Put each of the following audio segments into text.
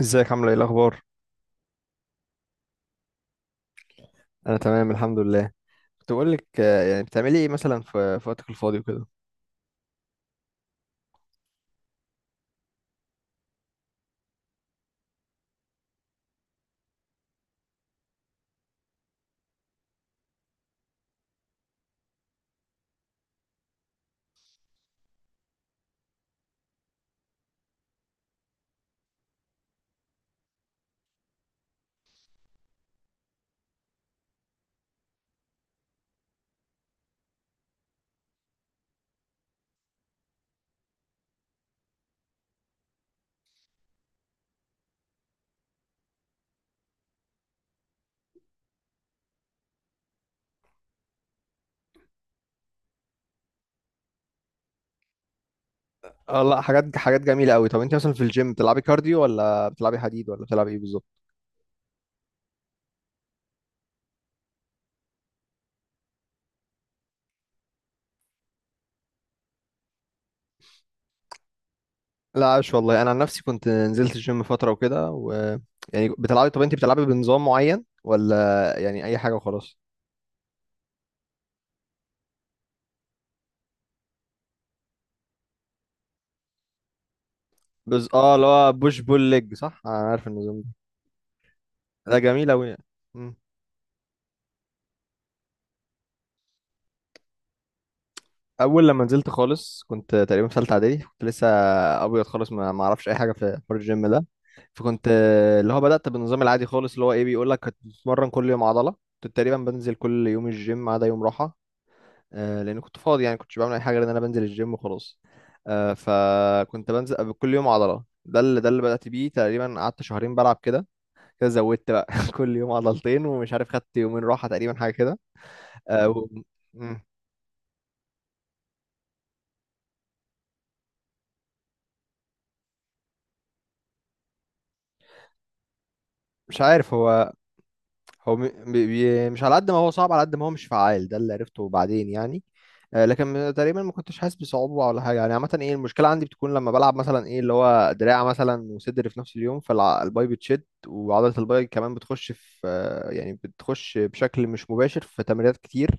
ازيك؟ عامله ايه؟ الاخبار؟ انا تمام، الحمد لله. كنت بقول لك، يعني بتعملي ايه مثلا في وقتك الفاضي وكده؟ اه، لا، حاجات حاجات جميله قوي. طب انت مثلا في الجيم بتلعبي كارديو ولا بتلعبي حديد ولا بتلعبي ايه بالظبط؟ لا، عاش والله، انا عن نفسي كنت نزلت الجيم فتره وكده، و يعني بتلعبي طب انت بتلعبي بنظام معين ولا يعني اي حاجه وخلاص؟ اه، اللي هو بوش بول ليج، صح؟ انا عارف النظام ده. ده جميل قوي. اول لما نزلت خالص كنت تقريبا في ثالثه اعدادي، كنت لسه ابيض خالص، ما اعرفش اي حاجه في حوار الجيم ده. فكنت، اللي هو بدأت بالنظام العادي خالص، اللي هو ايه، بيقول لك هتتمرن كل يوم عضلة. كنت تقريبا بنزل كل يوم الجيم ما عدا يوم راحة، لأن كنت فاضي، يعني كنتش بعمل أي حاجة غير إن أنا بنزل الجيم وخلاص. فكنت بنزل كل يوم عضلة، ده اللي بدأت بيه. تقريبا قعدت شهرين بلعب كده، كده زودت بقى، كل يوم عضلتين، ومش عارف خدت يومين راحة، تقريبا حاجة كده. آه، و- مم. مش عارف. هو مش على قد ما هو صعب، على قد ما هو مش فعال، ده اللي عرفته بعدين يعني. لكن تقريبا ما كنتش حاسس بصعوبة ولا حاجة يعني. عامة ايه المشكلة، عندي بتكون لما بلعب مثلا ايه اللي هو دراع مثلا وصدر في نفس اليوم، فالباي بتشد، وعضلة الباي كمان بتخش بشكل مش مباشر في تمرينات كتير،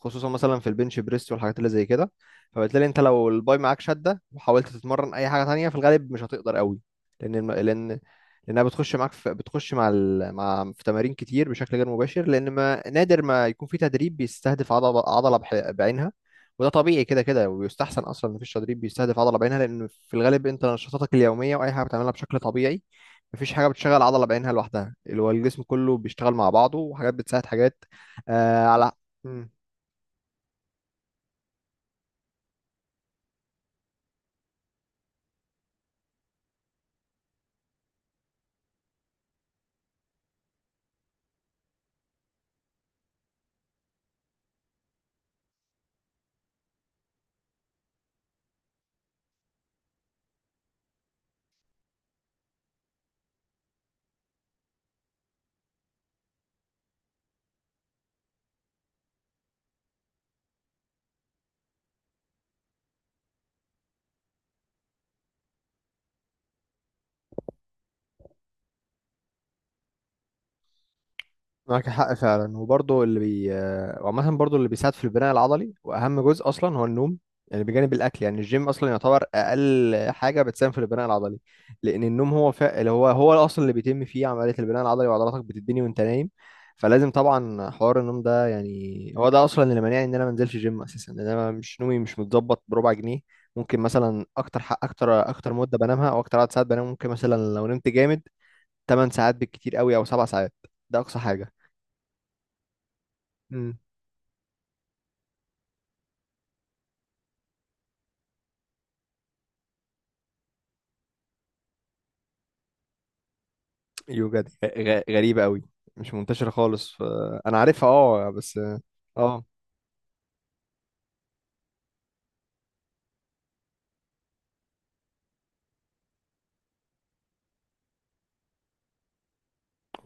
خصوصا مثلا في البنش بريس والحاجات اللي زي كده. فبالتالي انت لو الباي معاك شدة وحاولت تتمرن اي حاجة تانية، في الغالب مش هتقدر قوي، لان لانها بتخش مع في تمارين كتير بشكل غير مباشر، لان ما نادر ما يكون في تدريب بيستهدف عضله بعينها. وده طبيعي كده كده، ويستحسن اصلا ان مفيش تدريب بيستهدف عضله بعينها، لان في الغالب انت نشاطاتك اليوميه واي حاجه بتعملها بشكل طبيعي، مفيش حاجه بتشغل عضله بعينها لوحدها، اللي هو الجسم كله بيشتغل مع بعضه وحاجات بتساعد حاجات. آه على معاك حق فعلا، وبرضه اللي بي وعامة برضه اللي بيساعد في البناء العضلي، وأهم جزء أصلا هو النوم. يعني بجانب الأكل، يعني الجيم أصلا يعتبر أقل حاجة بتساهم في البناء العضلي، لأن النوم اللي هو أصلا اللي بيتم فيه عملية البناء العضلي، وعضلاتك بتتبني وأنت نايم. فلازم طبعا حوار النوم ده، يعني هو ده أصلا اللي مانعني إن أنا منزلش جيم أساسا، لأن أنا مش، نومي مش متظبط بربع جنيه. ممكن مثلا أكتر مدة بنامها أو أكتر عدد ساعات بنام، ممكن مثلا لو نمت جامد 8 ساعات بالكتير قوي أو 7 ساعات. ده أقصى حاجة. مم. يوجا دي غريبة قوي، مش منتشرة خالص انا عارفها، اه بس. اه.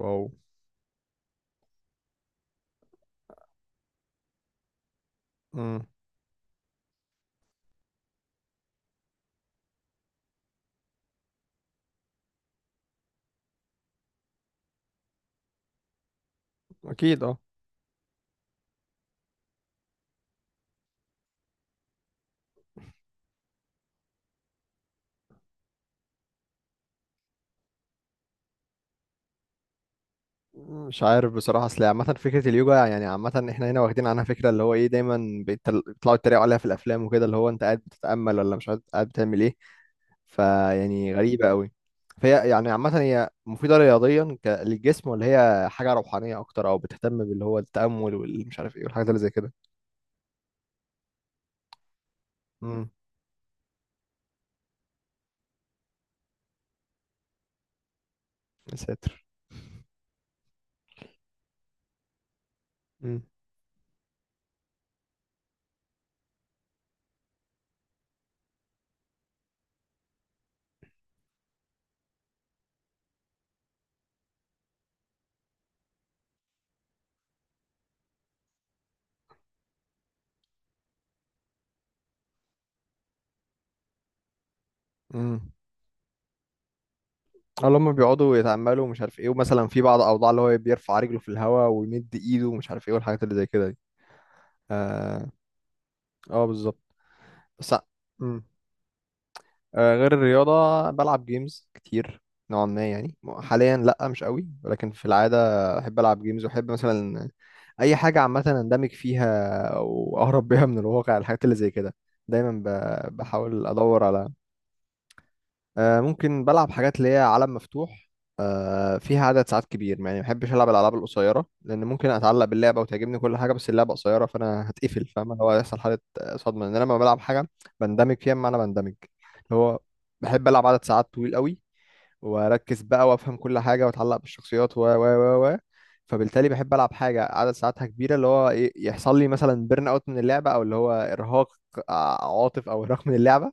واو. مم. اكيد، اه. مش عارف بصراحة، اصل عامة فكرة اليوجا، يعني عامة احنا هنا واخدين عنها فكرة، اللي هو ايه، دايما بيطلعوا يتريقوا عليها في الافلام وكده، اللي هو انت قاعد بتتأمل ولا مش قاعد، قاعد بتعمل ايه؟ فيعني غريبة قوي. فهي يعني عامة هي مفيدة رياضيا للجسم، ولا هي حاجة روحانية اكتر او بتهتم باللي هو التأمل والمش عارف ايه والحاجات اللي زي كده؟ امم. يا ساتر. امم. اللي هم بيقعدوا يتأملوا ومش عارف ايه، ومثلا في بعض الأوضاع اللي هو بيرفع رجله في الهواء ويمد ايده ومش عارف ايه والحاجات اللي زي كده دي. اه، آه بالظبط، بس. مم. غير الرياضة، بلعب جيمز كتير، نوعا ما يعني. حاليا لأ مش قوي، ولكن في العادة أحب ألعب جيمز، وأحب مثلا أي حاجة عامة أندمج فيها وأهرب بيها من الواقع، الحاجات اللي زي كده. دايما بحاول أدور على ممكن بلعب حاجات اللي هي عالم مفتوح فيها عدد ساعات كبير. يعني ما بحبش العب الالعاب القصيره، لان ممكن اتعلق باللعبه وتعجبني كل حاجه، بس اللعبه قصيره، فانا هتقفل، فاهم؟ اللي هو هيحصل حاله صدمه، لان انا لما بلعب حاجه بندمج فيها، بمعنى بندمج، اللي هو بحب العب عدد ساعات طويل قوي واركز بقى وافهم كل حاجه واتعلق بالشخصيات و. فبالتالي بحب العب حاجه عدد ساعاتها كبيره، اللي هو إيه، يحصل لي مثلا بيرن اوت من اللعبه، او اللي هو ارهاق، عاطف، او ارهاق من اللعبه،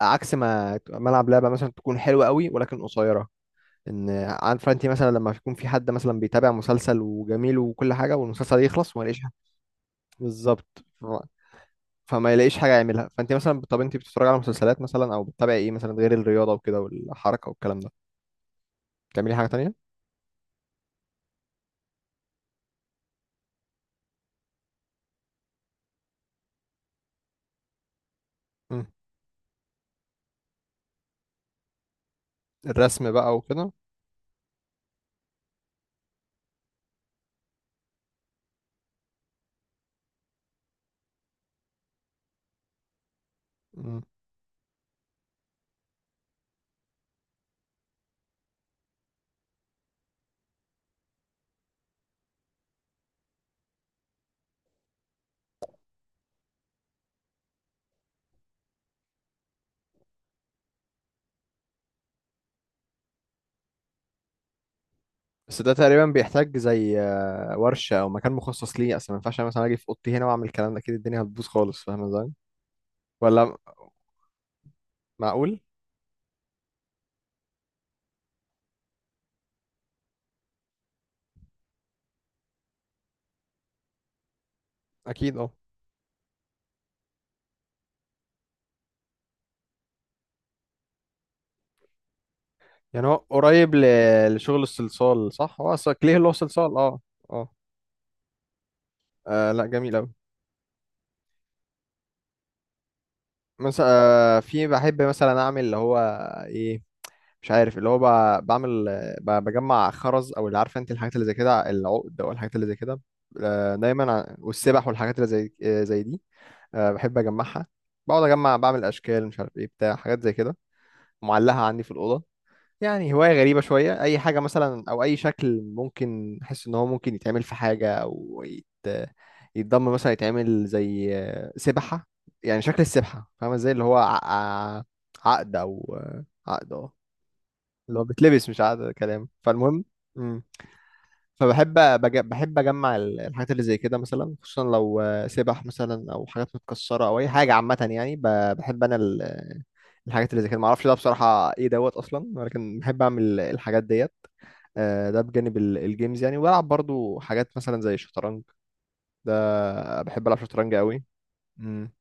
عكس ما العب لعبه مثلا تكون حلوه قوي ولكن قصيره. ان عارفه، انت مثلا لما يكون في حد مثلا بيتابع مسلسل وجميل وكل حاجه والمسلسل يخلص وما يلاقيش حاجه؟ بالظبط. فما يلاقيش حاجه يعملها. فانت مثلا، طب انت بتتفرج على مسلسلات مثلا او بتتابعي ايه مثلا غير الرياضه وكده والحركه والكلام ده؟ بتعملي حاجه تانية؟ مم. الرسم بقى وكده؟ مم. بس ده تقريبا بيحتاج زي ورشه او مكان مخصص ليه، اصلا ما ينفعش أنا مثلا اجي في اوضتي هنا واعمل الكلام ده، اكيد الدنيا هتبوظ خالص، فاهمه ازاي؟ ولا؟ معقول؟ اكيد، اه. يعني هو قريب لشغل الصلصال، صح؟ هو اصلا كليه اللي هو صلصال، اه. اه. آه، لا، جميل أوي. مثلا في بحب مثلا أعمل اللي هو إيه، مش عارف، اللي هو بعمل بجمع خرز، أو اللي عارفة أنت الحاجات اللي زي كده، العقد أو الحاجات اللي زي كده. دايما والسبح والحاجات اللي زي دي. بحب أجمعها، بقعد أجمع، بعمل أشكال، مش عارف إيه بتاع حاجات زي كده معلقة عندي في الأوضة. يعني هواية غريبة شوية، أي حاجة مثلا أو أي شكل ممكن أحس إن هو ممكن يتعمل في حاجة أو يتضم مثلا، يتعمل زي سبحة، يعني شكل السبحة، فاهمة إزاي؟ اللي هو عقد أو عقد أه، اللي هو بتلبس، مش عقد كلام، فالمهم فبحب بج... بحب اجمع الحاجات اللي زي كده، مثلا خصوصا لو سبح مثلا، او حاجات متكسره، او اي حاجه عامه يعني، بحب انا الحاجات اللي زي كده، معرفش ده بصراحه ايه دوت اصلا، ولكن بحب اعمل الحاجات ديت. ده بجانب الجيمز يعني، وبلعب برضو حاجات مثلا زي الشطرنج. ده بحب العب شطرنج قوي. مم.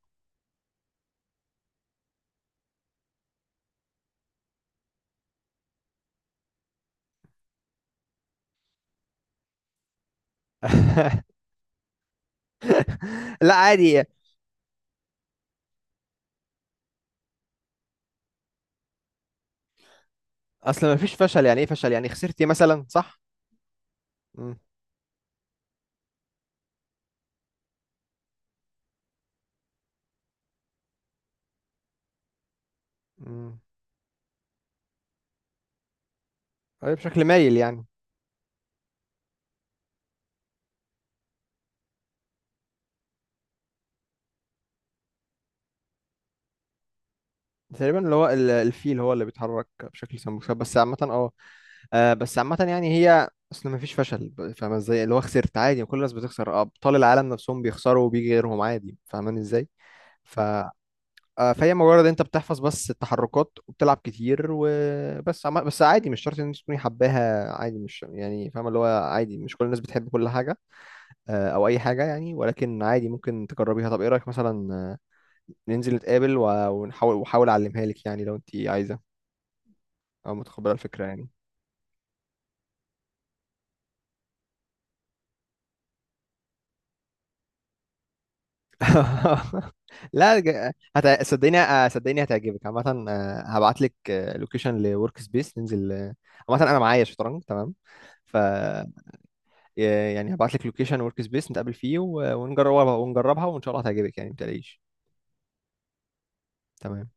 لا، عادي. اصلا ما فيش فشل، يعني ايه فشل؟ يعني خسرتي مثلا، صح؟ مم. مم. أيوة، بشكل مايل يعني. تقريبا اللي هو الفيل هو اللي بيتحرك بشكل سمبوكسات، بس عامة، اه. بس عامة يعني، هي اصل مفيش فشل، فاهمة ازاي؟ اللي هو خسرت عادي، كل الناس بتخسر، ابطال العالم نفسهم بيخسروا وبيجي غيرهم عادي، فاهماني ازاي؟ ف آه، فهي مجرد انت بتحفظ بس التحركات وبتلعب كتير، بس عادي، مش شرط ان انت تكوني حباها عادي، مش يعني فاهمة اللي هو، عادي مش كل الناس بتحب كل حاجة، او اي حاجة يعني. ولكن عادي ممكن تجربيها. طب ايه رأيك مثلا، ننزل نتقابل ونحاول وحاول اعلمها لك، يعني لو انت عايزة او متقبله الفكره يعني. لا، صدقني، آه، صدقني هتعجبك، عامه هبعت لك لوكيشن لورك سبيس، ننزل، عامه انا معايا شطرنج، تمام؟ ف يعني هبعت لك لوكيشن ورك سبيس نتقابل فيه ونجربها وان شاء الله هتعجبك يعني، ما تقلقيش. تمام.